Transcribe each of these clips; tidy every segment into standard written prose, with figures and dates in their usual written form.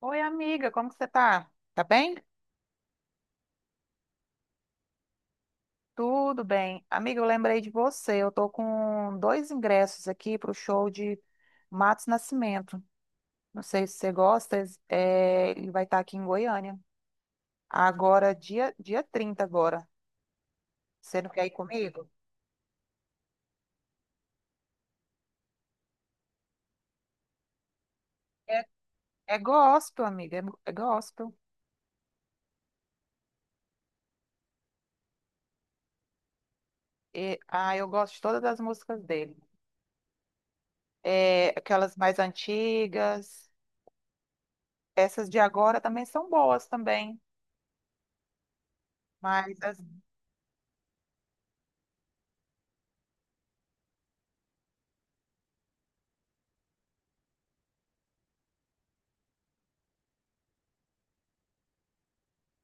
Oi, amiga, como que você tá? Tá bem? Tudo bem. Amiga, eu lembrei de você. Eu tô com dois ingressos aqui pro show de Matos Nascimento. Não sei se você gosta, é, ele vai estar aqui em Goiânia. Agora, dia 30 agora. Você não quer ir comigo? É, é, gospel, amiga, é gospel. E, ah, eu gosto de todas as músicas dele. É, aquelas mais antigas, essas de agora também são boas também. Mas as,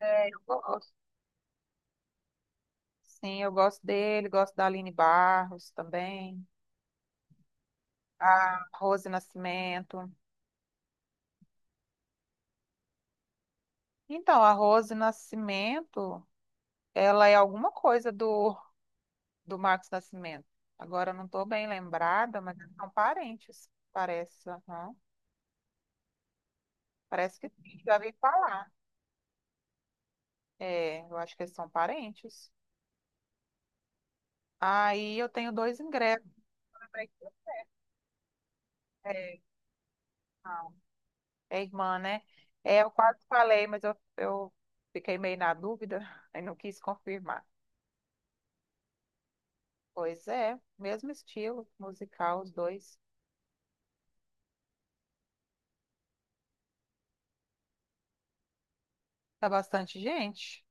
é, eu gosto. Sim, eu gosto dele, gosto da Aline Barros também, a Rose Nascimento. Então, a Rose Nascimento, ela é alguma coisa do Marcos Nascimento. Agora, eu não estou bem lembrada, mas eles são parentes, parece. Aham. Parece que sim, já vi falar. É, eu acho que eles são parentes. Aí eu tenho dois ingressos. É, não, é irmã, né? É, eu quase falei, mas eu fiquei meio na dúvida e não quis confirmar. Pois é, mesmo estilo musical, os dois. Tá bastante gente.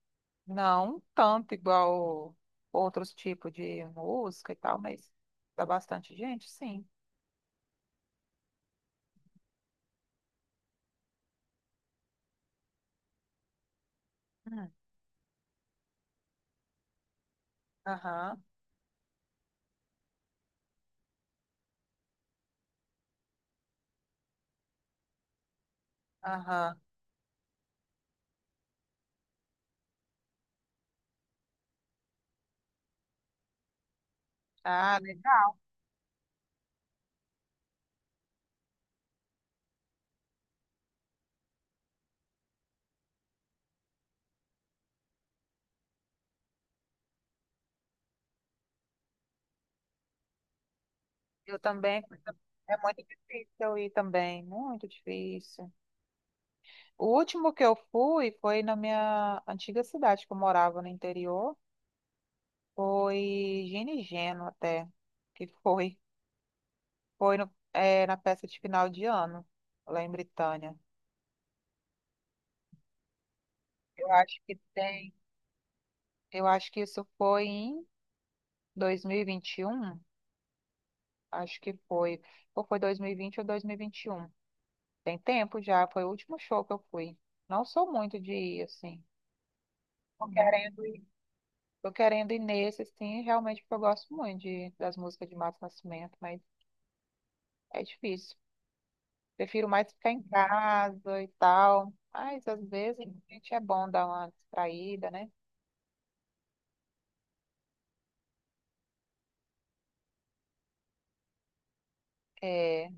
Não tanto igual outros tipos de música e tal, mas tá bastante gente, sim. Hum. Aham, aham. Ah, legal. Eu também. É muito difícil eu ir também, muito difícil. O último que eu fui foi na minha antiga cidade que eu morava no interior. Foi Gini Geno até, que foi. Foi na peça de final de ano, lá em Britânia. Eu acho que tem. Eu acho que isso foi em 2021. Acho que foi. Ou foi 2020 ou 2021. Tem tempo já, foi o último show que eu fui. Não sou muito de ir, assim. Tô querendo ir. Tô querendo ir nesse, assim, realmente, porque eu gosto muito das músicas de Mato Nascimento, mas é difícil. Prefiro mais ficar em casa e tal. Mas às vezes a gente é bom dar uma distraída, né? É.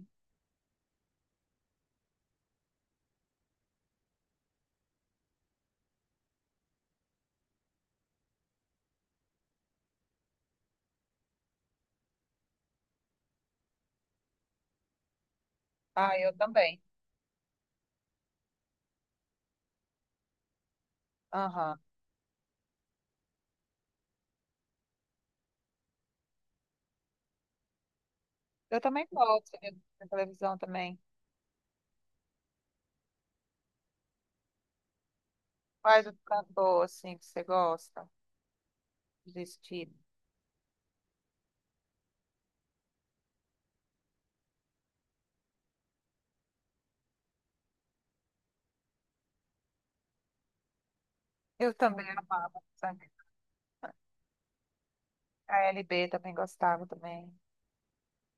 Ah, eu também. Aham. Eu também gosto de televisão também. Quais o cantor, assim, que você gosta de estilo? Eu também amava, sabe? ALB também gostava também.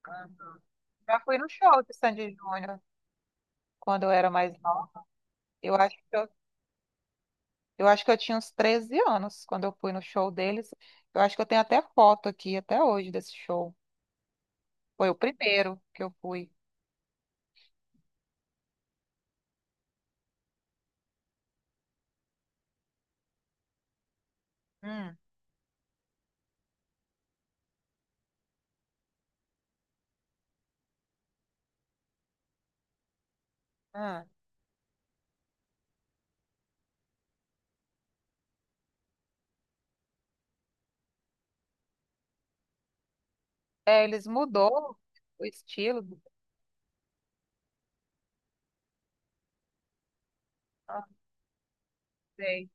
Aham. Já fui no show de Sandy Júnior quando eu era mais nova. Eu acho que eu, eu acho que eu tinha uns 13 anos quando eu fui no show deles. Eu acho que eu tenho até foto aqui até hoje desse show. Foi o primeiro que eu fui. Hum, hum. É, eles mudou o estilo. Ah, sei.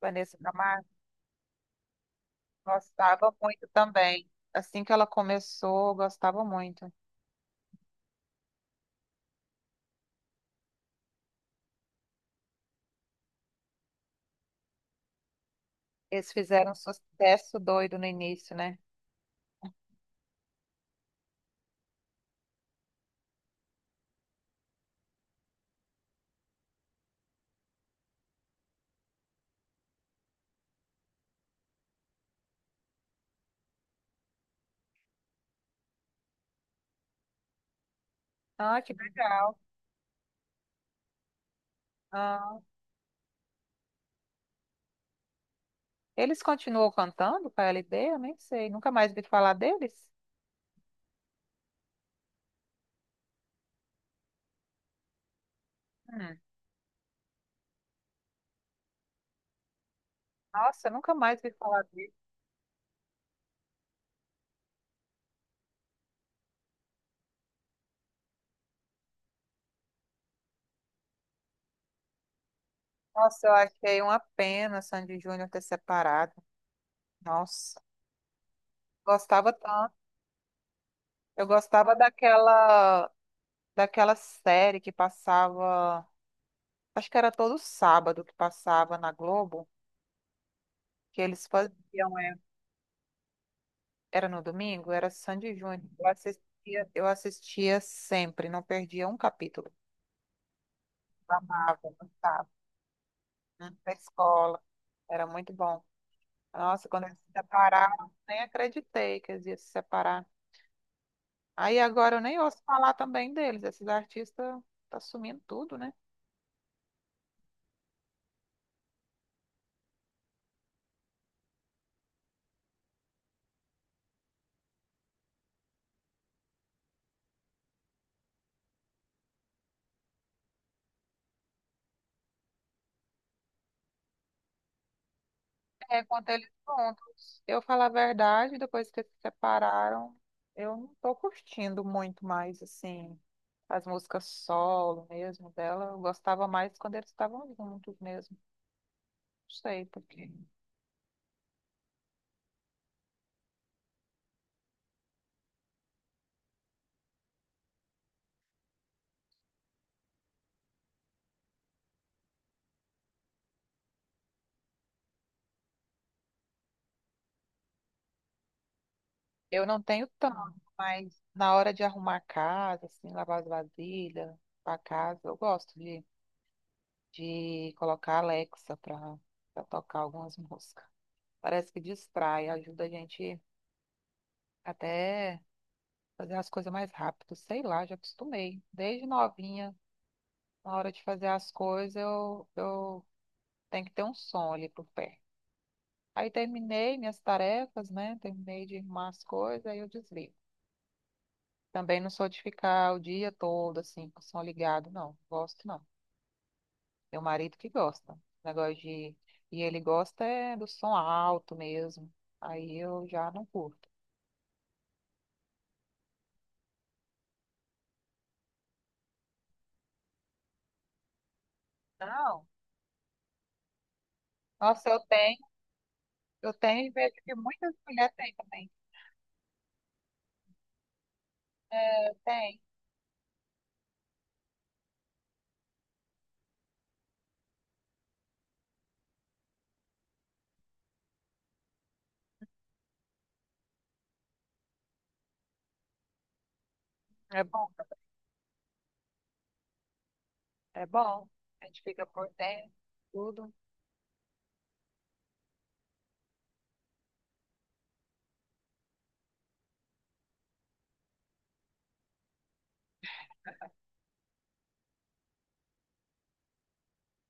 Vanessa Camargo, gostava muito também. Assim que ela começou, gostava muito. Eles fizeram um sucesso doido no início, né? Ah, que legal. Ah, eles continuam cantando com a LB? Eu nem sei. Nunca mais vi falar deles? Hum. Nossa, eu nunca mais vi falar deles. Nossa, eu achei uma pena Sandy Júnior ter separado. Nossa, gostava tanto. Eu gostava daquela série que passava. Acho que era todo sábado que passava na Globo que eles faziam, é, era no domingo, era Sandy Júnior. Eu assistia sempre, não perdia um capítulo. Eu amava, gostava, né? Da escola, era muito bom. Nossa, quando eles se separaram, nem acreditei que eles iam se separar. Aí agora eu nem ouço falar também deles, esses artistas tá sumindo tudo, né? É, quando eles juntos. Eu falo a verdade, depois que eles se separaram, eu não tô curtindo muito mais, assim, as músicas solo mesmo dela. Eu gostava mais quando eles estavam juntos mesmo. Não sei porque. Eu não tenho tanto, mas na hora de arrumar a casa, assim, lavar as vasilhas, a casa, eu gosto de colocar a Alexa pra tocar algumas músicas. Parece que distrai, ajuda a gente até fazer as coisas mais rápido, sei lá, já acostumei. Desde novinha, na hora de fazer as coisas, eu tenho que ter um som ali pro pé. Aí terminei minhas tarefas, né? Terminei de arrumar as coisas, aí eu desligo. Também não sou de ficar o dia todo assim, com o som ligado, não. Gosto não. Meu marido que gosta. Negócio de. E ele gosta é do som alto mesmo. Aí eu já não curto. Não. Nossa, eu tenho e vejo que muitas mulheres têm também. É, tem. É bom. É bom. A gente fica por dentro, tudo.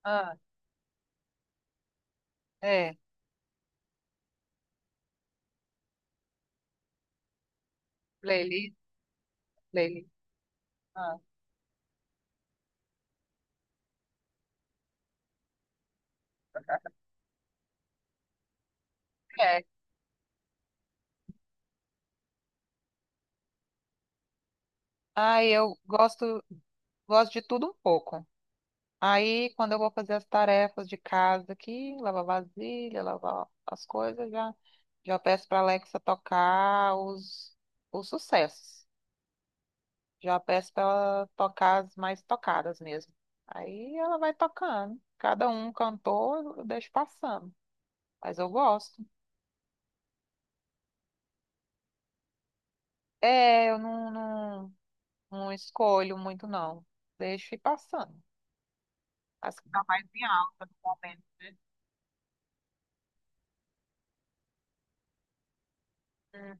Ah, é. Playlist, playlist. Ah, é. Ah, eu gosto, gosto de tudo um pouco. Aí, quando eu vou fazer as tarefas de casa aqui, lavar vasilha, lavar as coisas, já, já peço para Alexa tocar os sucessos. Já peço para ela tocar as mais tocadas mesmo. Aí ela vai tocando. Cada um cantor, eu deixo passando. Mas eu gosto. É, eu não, não, não escolho muito, não. Deixo ir passando. As que estão mais em alta no momento, né? Hum,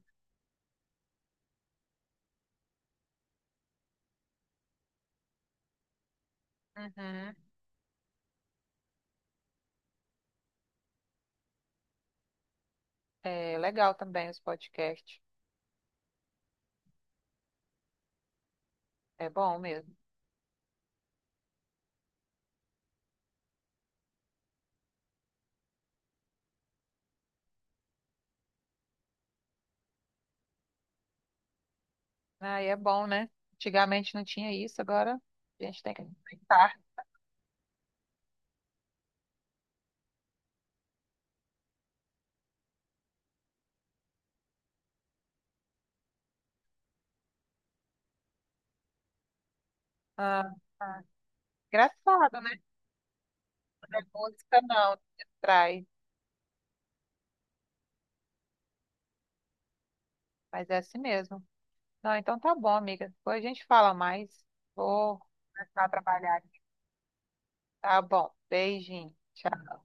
uhum. É legal também os podcasts. É bom mesmo. Aí é bom, né? Antigamente não tinha isso, agora a gente tem que aceitar. Ah, ah. Engraçado, né? É música não, trai. Mas é assim mesmo. Não, então tá bom, amiga. Depois a gente fala mais. Vou começar a trabalhar aqui. Tá bom. Beijinho. Tchau.